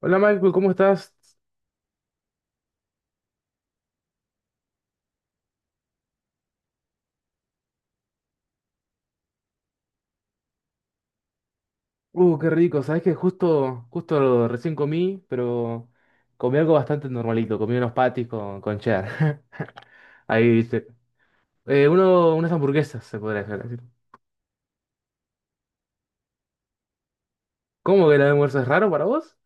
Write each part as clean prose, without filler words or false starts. Hola Michael, ¿cómo estás? Qué rico, sabes que justo recién comí, pero comí algo bastante normalito, comí unos patis con cheddar. Ahí viste. Unas hamburguesas, se podría decir. ¿Cómo que el almuerzo es raro para vos?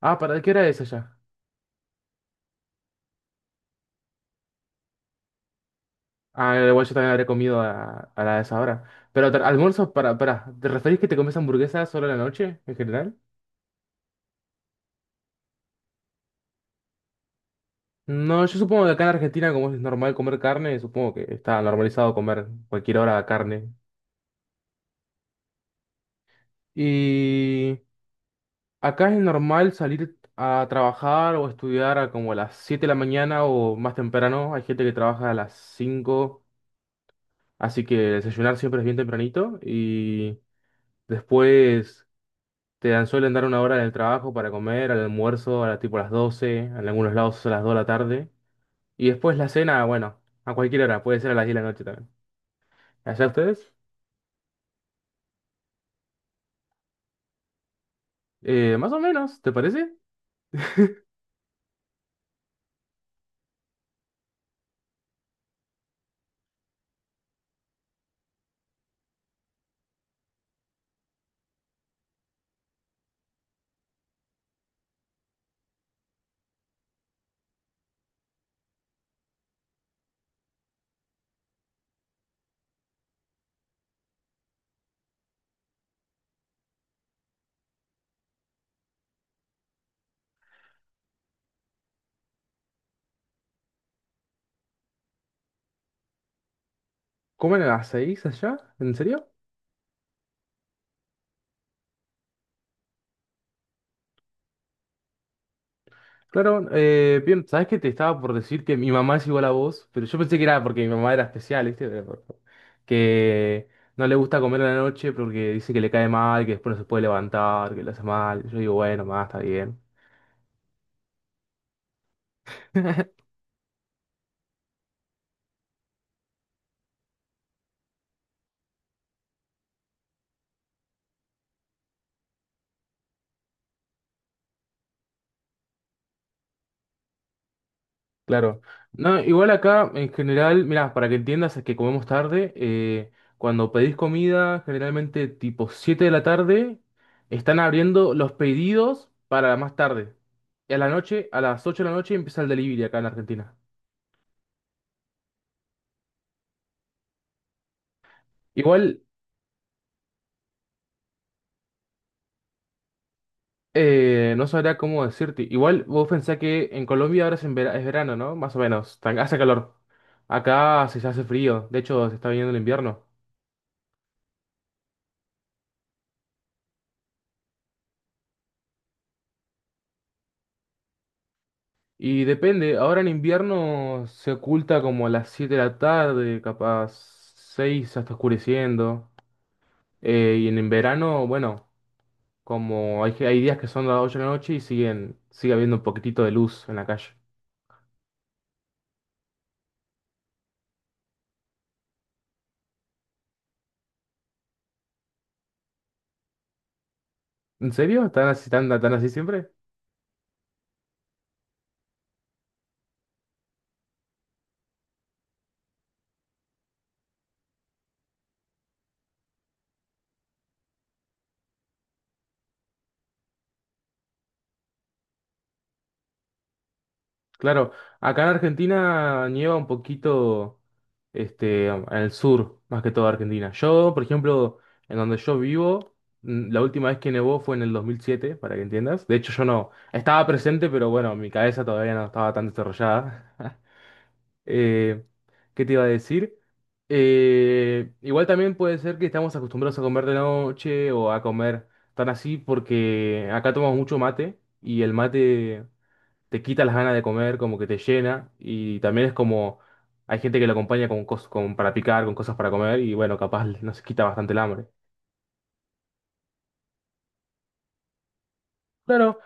Ah, ¿para qué hora es allá? Ah, igual yo también habré comido a la de esa hora. Pero almuerzo ¿te referís que te comes hamburguesas solo a la noche, en general? No, yo supongo que acá en Argentina, como es normal comer carne, supongo que está normalizado comer cualquier hora carne. Y acá es normal salir a trabajar o estudiar a como a las 7 de la mañana o más temprano. Hay gente que trabaja a las cinco, así que desayunar siempre es bien tempranito. Y después te dan, suelen dar una hora en el trabajo para comer, al almuerzo, tipo a las 12 en algunos lados, a las 2 de la tarde. Y después la cena, bueno, a cualquier hora, puede ser a las 10 de la noche también. ¿Allá ustedes? Más o menos, ¿te parece? ¿Comen a las 6 allá? ¿En serio? Claro, bien, sabes que te estaba por decir que mi mamá es igual a vos, pero yo pensé que era porque mi mamá era especial, ¿viste? Que no le gusta comer a la noche porque dice que le cae mal, que después no se puede levantar, que le hace mal. Yo digo, bueno, mamá, está bien. Claro. No, igual acá, en general, mira, para que entiendas es que comemos tarde, cuando pedís comida, generalmente tipo 7 de la tarde, están abriendo los pedidos para más tarde. Y a la noche, a las 8 de la noche empieza el delivery acá en la Argentina. Igual no sabría cómo decirte. Igual vos pensás que en Colombia ahora es, en es verano, ¿no? Más o menos. Hace calor. Acá se hace frío. De hecho, se está viniendo el invierno. Y depende. Ahora en invierno se oculta como a las 7 de la tarde, capaz 6 hasta oscureciendo. Y en verano, bueno, como hay días que son las 8 de la noche y sigue habiendo un poquitito de luz en la calle. ¿En serio? ¿Están así, tan así siempre? Claro. Acá en Argentina nieva un poquito. Este, en el sur, más que todo Argentina. Yo, por ejemplo, en donde yo vivo, la última vez que nevó fue en el 2007, para que entiendas. De hecho, yo no estaba presente, pero bueno, mi cabeza todavía no estaba tan desarrollada. Eh, ¿qué te iba a decir? Igual también puede ser que estamos acostumbrados a comer de noche o a comer tan así porque acá tomamos mucho mate y el mate te quita las ganas de comer, como que te llena. Y también es como, hay gente que lo acompaña con cosas para picar, con cosas para comer, y bueno, capaz nos quita bastante el hambre. Claro,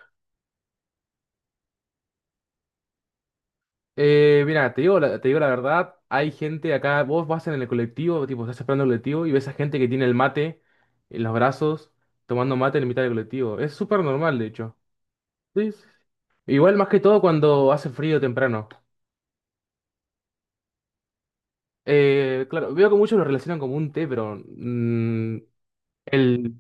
mira, te digo, te digo la verdad, hay gente acá, vos vas en el colectivo, tipo, estás esperando el colectivo y ves a gente que tiene el mate en los brazos, tomando mate en mitad del colectivo. Es súper normal, de hecho. Sí, sí, sí. Igual más que todo cuando hace frío temprano. Claro, veo que muchos lo relacionan como un té, pero el,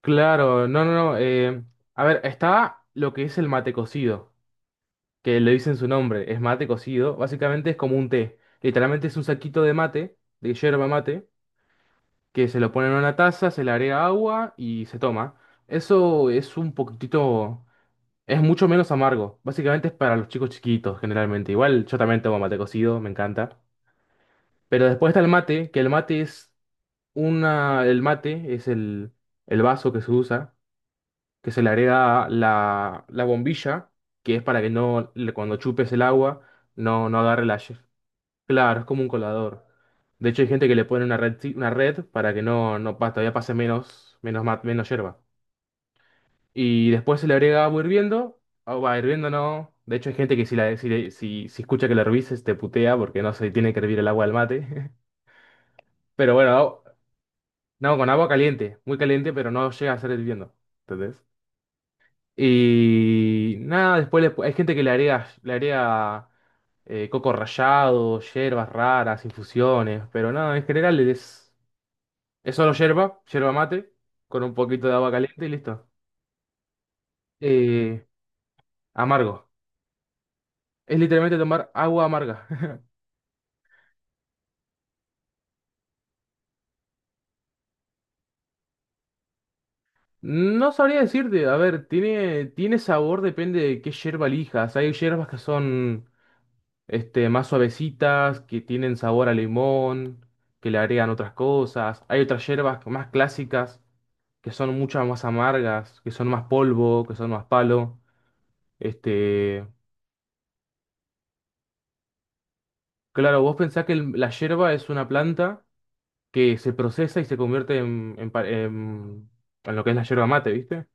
claro, no, no, no. A ver, está lo que es el mate cocido, que le dicen su nombre, es mate cocido. Básicamente es como un té. Literalmente es un saquito de mate, de yerba mate, que se lo pone en una taza, se le agrega agua y se toma. Eso es un poquitito, es mucho menos amargo. Básicamente es para los chicos chiquitos, generalmente. Igual yo también tomo mate cocido, me encanta. Pero después está el mate, que el mate es el vaso que se usa, que se le agrega la bombilla, que es para que no, le- cuando chupes el agua, no agarre la... Claro, es como un colador. De hecho, hay gente que le pone una red para que no, no pa- todavía pase menos, menos hierba. Y después se le agrega agua hirviendo. Agua hirviendo no. De hecho, hay gente que si, la, si, le- si, si escucha que la hervises te putea porque no se tiene que hervir el agua del mate. Pero bueno, no, no, con agua caliente, muy caliente, pero no llega a ser hirviendo. ¿Entendés? Y nada, hay gente que le agrega coco rallado, hierbas raras, infusiones, pero nada, en general es solo hierba, hierba mate, con un poquito de agua caliente y listo. Eh, amargo. Es literalmente tomar agua amarga. No sabría decirte, a ver, tiene sabor, depende de qué hierba elijas. Hay hierbas que son este, más suavecitas, que tienen sabor a limón, que le agregan otras cosas. Hay otras hierbas más clásicas, que son muchas más amargas, que son más polvo, que son más palo. Este, claro, vos pensás que la hierba es una planta que se procesa y se convierte en lo que es la hierba mate, ¿viste?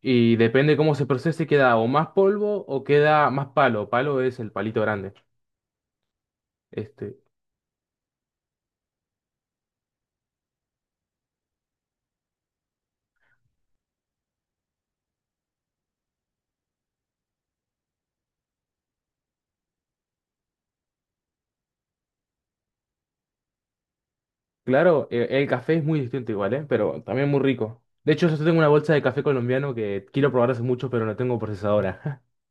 Y depende cómo se procese, queda o más polvo o queda más palo. Palo es el palito grande. Este, claro, el café es muy distinto igual, ¿eh? Pero también muy rico. De hecho, yo tengo una bolsa de café colombiano que quiero probar hace mucho, pero no tengo procesadora.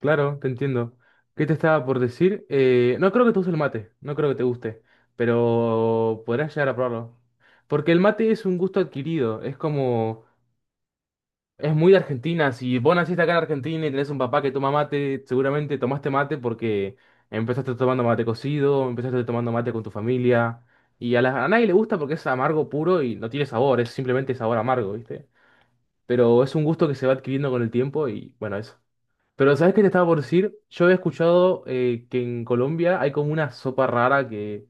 Claro, te entiendo. ¿Qué te estaba por decir? No creo que te guste el mate, no creo que te guste, pero podrás llegar a probarlo. Porque el mate es un gusto adquirido, es como... Es muy de Argentina. Si vos naciste acá en Argentina y tenés un papá que toma mate, seguramente tomaste mate porque empezaste tomando mate cocido, empezaste tomando mate con tu familia. Y a nadie le gusta porque es amargo puro y no tiene sabor, es simplemente sabor amargo, ¿viste? Pero es un gusto que se va adquiriendo con el tiempo y bueno, eso. Pero ¿sabes qué te estaba por decir? Yo he escuchado que en Colombia hay como una sopa rara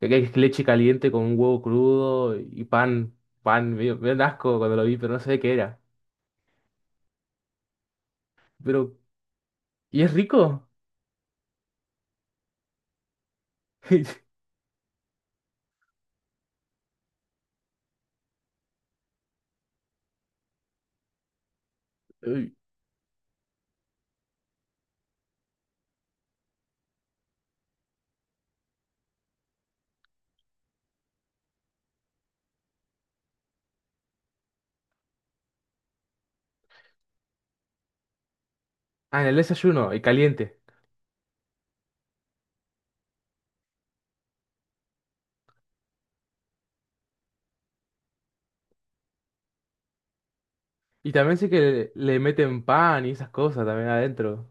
que es leche caliente con un huevo crudo y pan, pan, me dio un asco cuando lo vi, pero no sé qué era. Pero y es rico. Uy. Ah, en el desayuno, y caliente. Y también sé que le meten pan y esas cosas también adentro.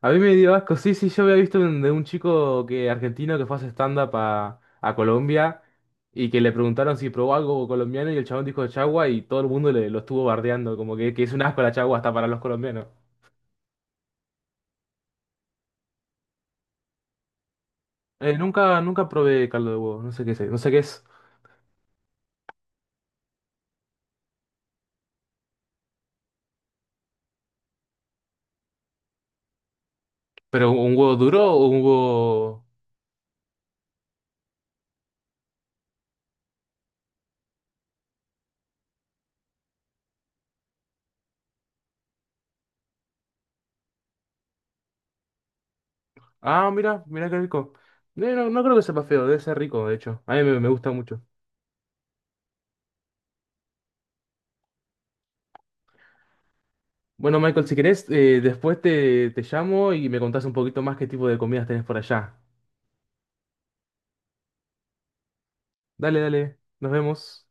A mí me dio asco, sí, sí, yo había visto de un chico que, argentino, que fue a hacer stand-up a Colombia y que le preguntaron si probó algo colombiano y el chabón dijo chagua y todo el mundo lo estuvo bardeando, como que es un asco la chagua hasta para los colombianos. Nunca, nunca probé caldo de huevo, no sé qué es, no sé qué es. ¿Pero un huevo duro o un huevo Ah, mira, mira qué rico. No, no creo que sepa feo, debe ser rico, de hecho. A mí me gusta mucho. Bueno, Michael, si querés, después te llamo y me contás un poquito más qué tipo de comidas tenés por allá. Dale, dale, nos vemos.